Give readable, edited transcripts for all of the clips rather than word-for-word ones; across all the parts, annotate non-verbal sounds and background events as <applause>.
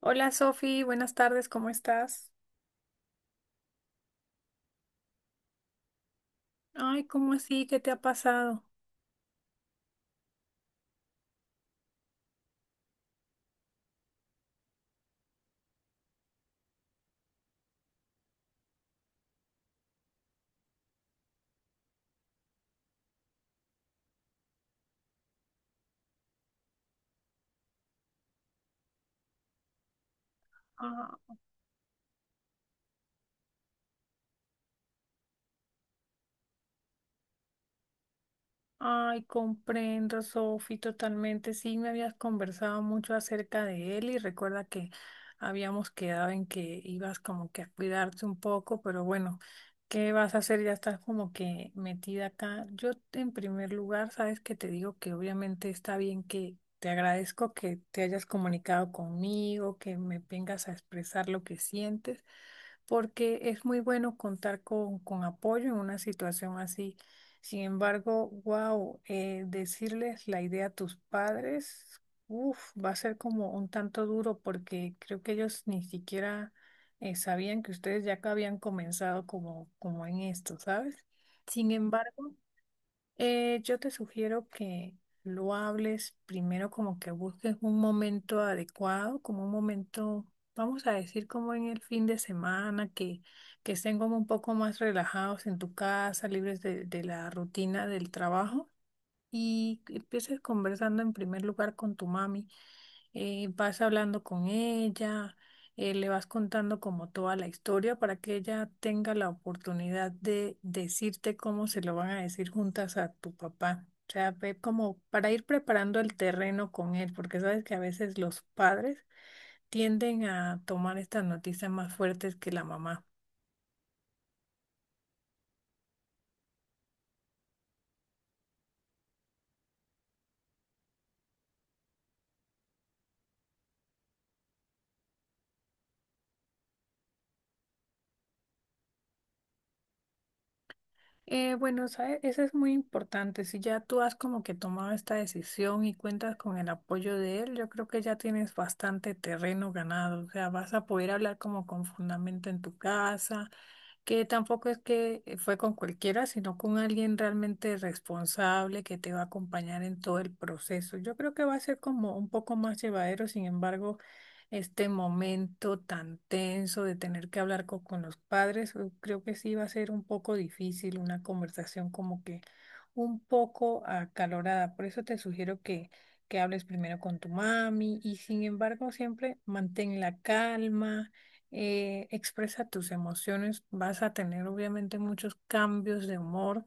Hola Sofi, buenas tardes, ¿cómo estás? Ay, ¿cómo así? ¿Qué te ha pasado? Ay, comprendo, Sofi, totalmente. Sí, me habías conversado mucho acerca de él y recuerda que habíamos quedado en que ibas como que a cuidarte un poco, pero bueno, ¿qué vas a hacer? Ya estás como que metida acá. Yo, en primer lugar, sabes que te digo que obviamente está bien que te agradezco que te hayas comunicado conmigo, que me vengas a expresar lo que sientes, porque es muy bueno contar con apoyo en una situación así. Sin embargo, wow, decirles la idea a tus padres, uf, va a ser como un tanto duro porque creo que ellos ni siquiera sabían que ustedes ya que habían comenzado como en esto, ¿sabes? Sin embargo, yo te sugiero que lo hables primero como que busques un momento adecuado, como un momento, vamos a decir, como en el fin de semana, que estén como un poco más relajados en tu casa, libres de la rutina del trabajo y empieces conversando en primer lugar con tu mami. Vas hablando con ella, le vas contando como toda la historia para que ella tenga la oportunidad de decirte cómo se lo van a decir juntas a tu papá. O sea, ve como para ir preparando el terreno con él, porque sabes que a veces los padres tienden a tomar estas noticias más fuertes que la mamá. Bueno, ¿sabes? Eso es muy importante. Si ya tú has como que tomado esta decisión y cuentas con el apoyo de él, yo creo que ya tienes bastante terreno ganado. O sea, vas a poder hablar como con fundamento en tu casa, que tampoco es que fue con cualquiera, sino con alguien realmente responsable que te va a acompañar en todo el proceso. Yo creo que va a ser como un poco más llevadero, sin embargo, este momento tan tenso de tener que hablar con, los padres, creo que sí va a ser un poco difícil, una conversación como que un poco acalorada. Por eso te sugiero que hables primero con tu mami y sin embargo siempre mantén la calma, expresa tus emociones, vas a tener obviamente muchos cambios de humor,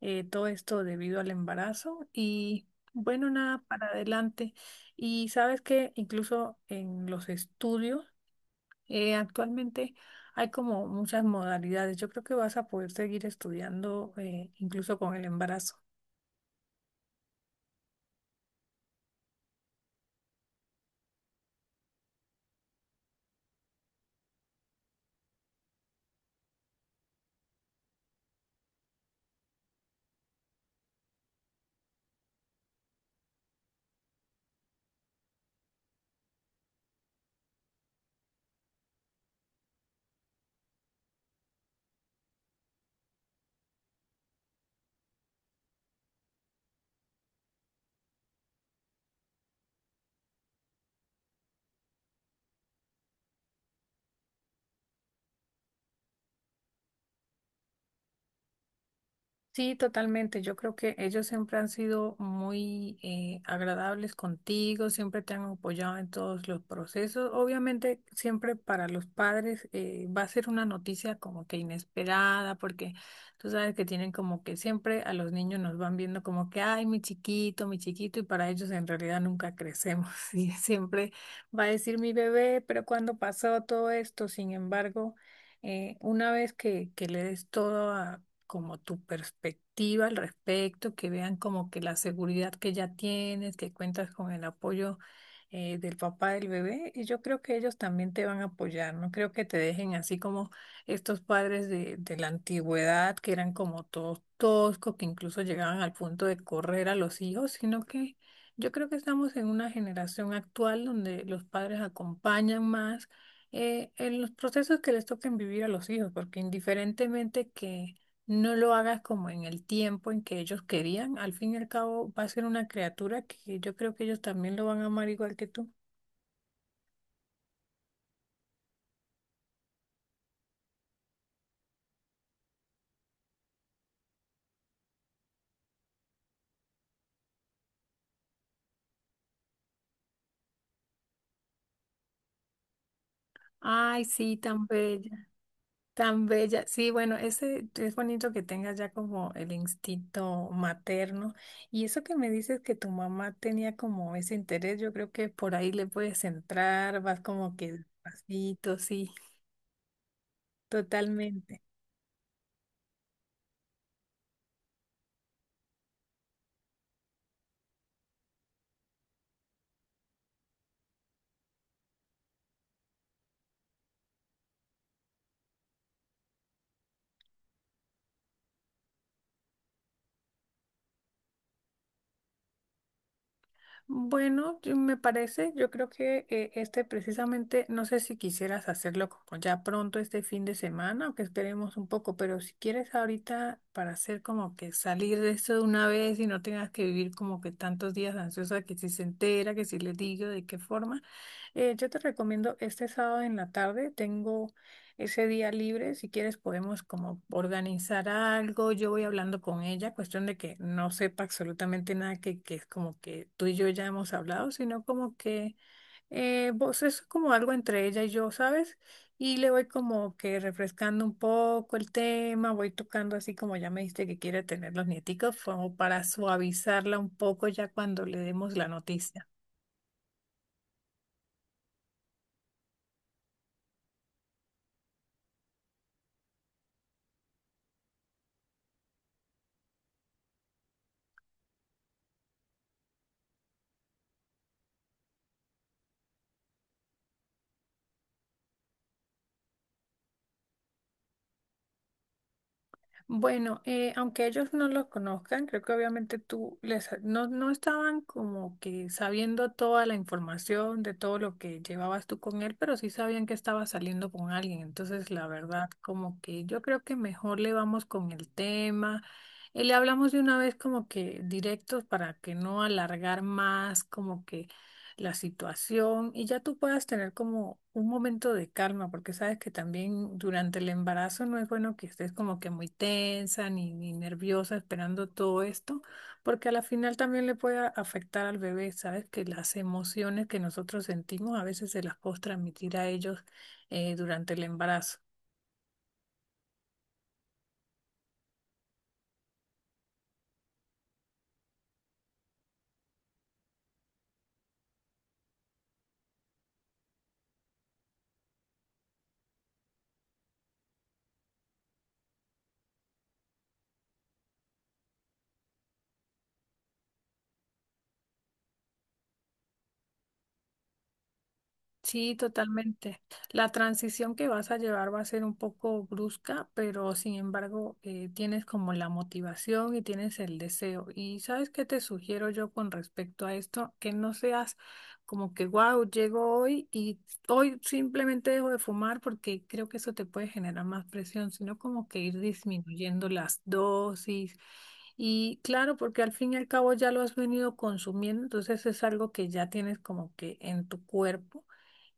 todo esto debido al embarazo y bueno, nada, para adelante. Y sabes que incluso en los estudios actualmente hay como muchas modalidades. Yo creo que vas a poder seguir estudiando, incluso con el embarazo. Sí, totalmente. Yo creo que ellos siempre han sido muy agradables contigo, siempre te han apoyado en todos los procesos. Obviamente, siempre para los padres va a ser una noticia como que inesperada, porque tú sabes que tienen como que siempre a los niños nos van viendo como que, ay, mi chiquito, y para ellos en realidad nunca crecemos. <laughs> Y siempre va a decir mi bebé, pero cuando pasó todo esto, sin embargo, una vez que le des todo como tu perspectiva al respecto, que vean como que la seguridad que ya tienes, que cuentas con el apoyo, del papá del bebé, y yo creo que ellos también te van a apoyar, no creo que te dejen así como estos padres de la antigüedad, que eran como todos toscos, que incluso llegaban al punto de correr a los hijos, sino que yo creo que estamos en una generación actual donde los padres acompañan más. En los procesos que les toquen vivir a los hijos, porque indiferentemente que, no lo hagas como en el tiempo en que ellos querían. Al fin y al cabo va a ser una criatura que yo creo que ellos también lo van a amar igual que tú. Ay, sí, tan bella, tan bella. Sí, bueno, ese es bonito que tengas ya como el instinto materno. Y eso que me dices que tu mamá tenía como ese interés, yo creo que por ahí le puedes entrar, vas como que despacito, sí, totalmente. Bueno, me parece, yo creo que este precisamente, no sé si quisieras hacerlo como ya pronto este fin de semana o que esperemos un poco, pero si quieres ahorita para hacer como que salir de esto de una vez y no tengas que vivir como que tantos días ansiosa que si se entera, que si le digo de qué forma, yo te recomiendo este sábado en la tarde, tengo ese día libre, si quieres podemos como organizar algo, yo voy hablando con ella, cuestión de que no sepa absolutamente nada que es como que tú y yo ya hemos hablado, sino como que vos es como algo entre ella y yo, ¿sabes? Y le voy como que refrescando un poco el tema, voy tocando así como ya me dijiste que quiere tener los nieticos, como para suavizarla un poco ya cuando le demos la noticia. Bueno, aunque ellos no lo conozcan, creo que obviamente tú les no estaban como que sabiendo toda la información de todo lo que llevabas tú con él, pero sí sabían que estaba saliendo con alguien. Entonces, la verdad, como que yo creo que mejor le vamos con el tema. Le hablamos de una vez como que directos para que no alargar más, como que la situación y ya tú puedas tener como un momento de calma, porque sabes que también durante el embarazo no es bueno que estés como que muy tensa ni nerviosa esperando todo esto, porque a la final también le puede afectar al bebé, sabes que las emociones que nosotros sentimos a veces se las puedes transmitir a ellos durante el embarazo. Sí, totalmente. La transición que vas a llevar va a ser un poco brusca, pero sin embargo tienes como la motivación y tienes el deseo. Y sabes qué te sugiero yo con respecto a esto, que no seas como que, wow, llego hoy y hoy simplemente dejo de fumar porque creo que eso te puede generar más presión, sino como que ir disminuyendo las dosis. Y claro, porque al fin y al cabo ya lo has venido consumiendo, entonces es algo que ya tienes como que en tu cuerpo.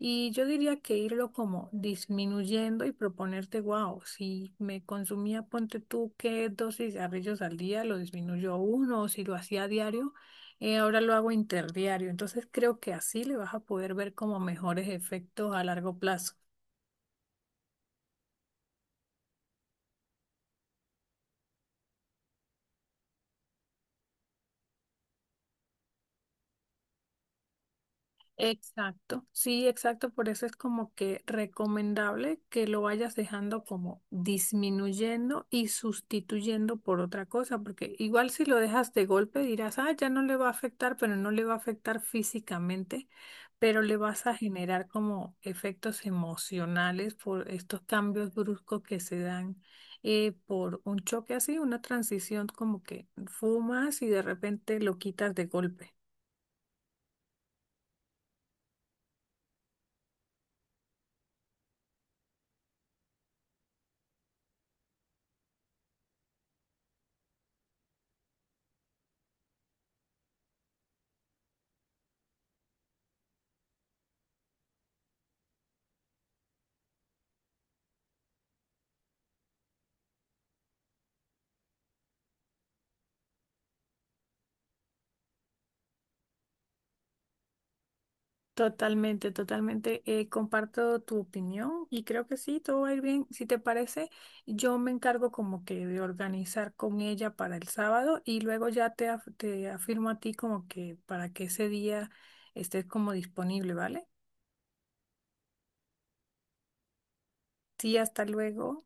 Y yo diría que irlo como disminuyendo y proponerte, wow, si me consumía, ponte tú, que dos cigarrillos al día, lo disminuyo a uno, o si lo hacía a diario, ahora lo hago interdiario. Entonces creo que así le vas a poder ver como mejores efectos a largo plazo. Exacto, sí, exacto, por eso es como que recomendable que lo vayas dejando como disminuyendo y sustituyendo por otra cosa, porque igual si lo dejas de golpe dirás, ah, ya no le va a afectar, pero no le va a afectar físicamente, pero le vas a generar como efectos emocionales por estos cambios bruscos que se dan por un choque así, una transición como que fumas y de repente lo quitas de golpe. Totalmente, totalmente. Comparto tu opinión y creo que sí, todo va a ir bien. Si te parece, yo me encargo como que de organizar con ella para el sábado y luego ya te, te afirmo a ti como que para que ese día estés como disponible, ¿vale? Sí, hasta luego.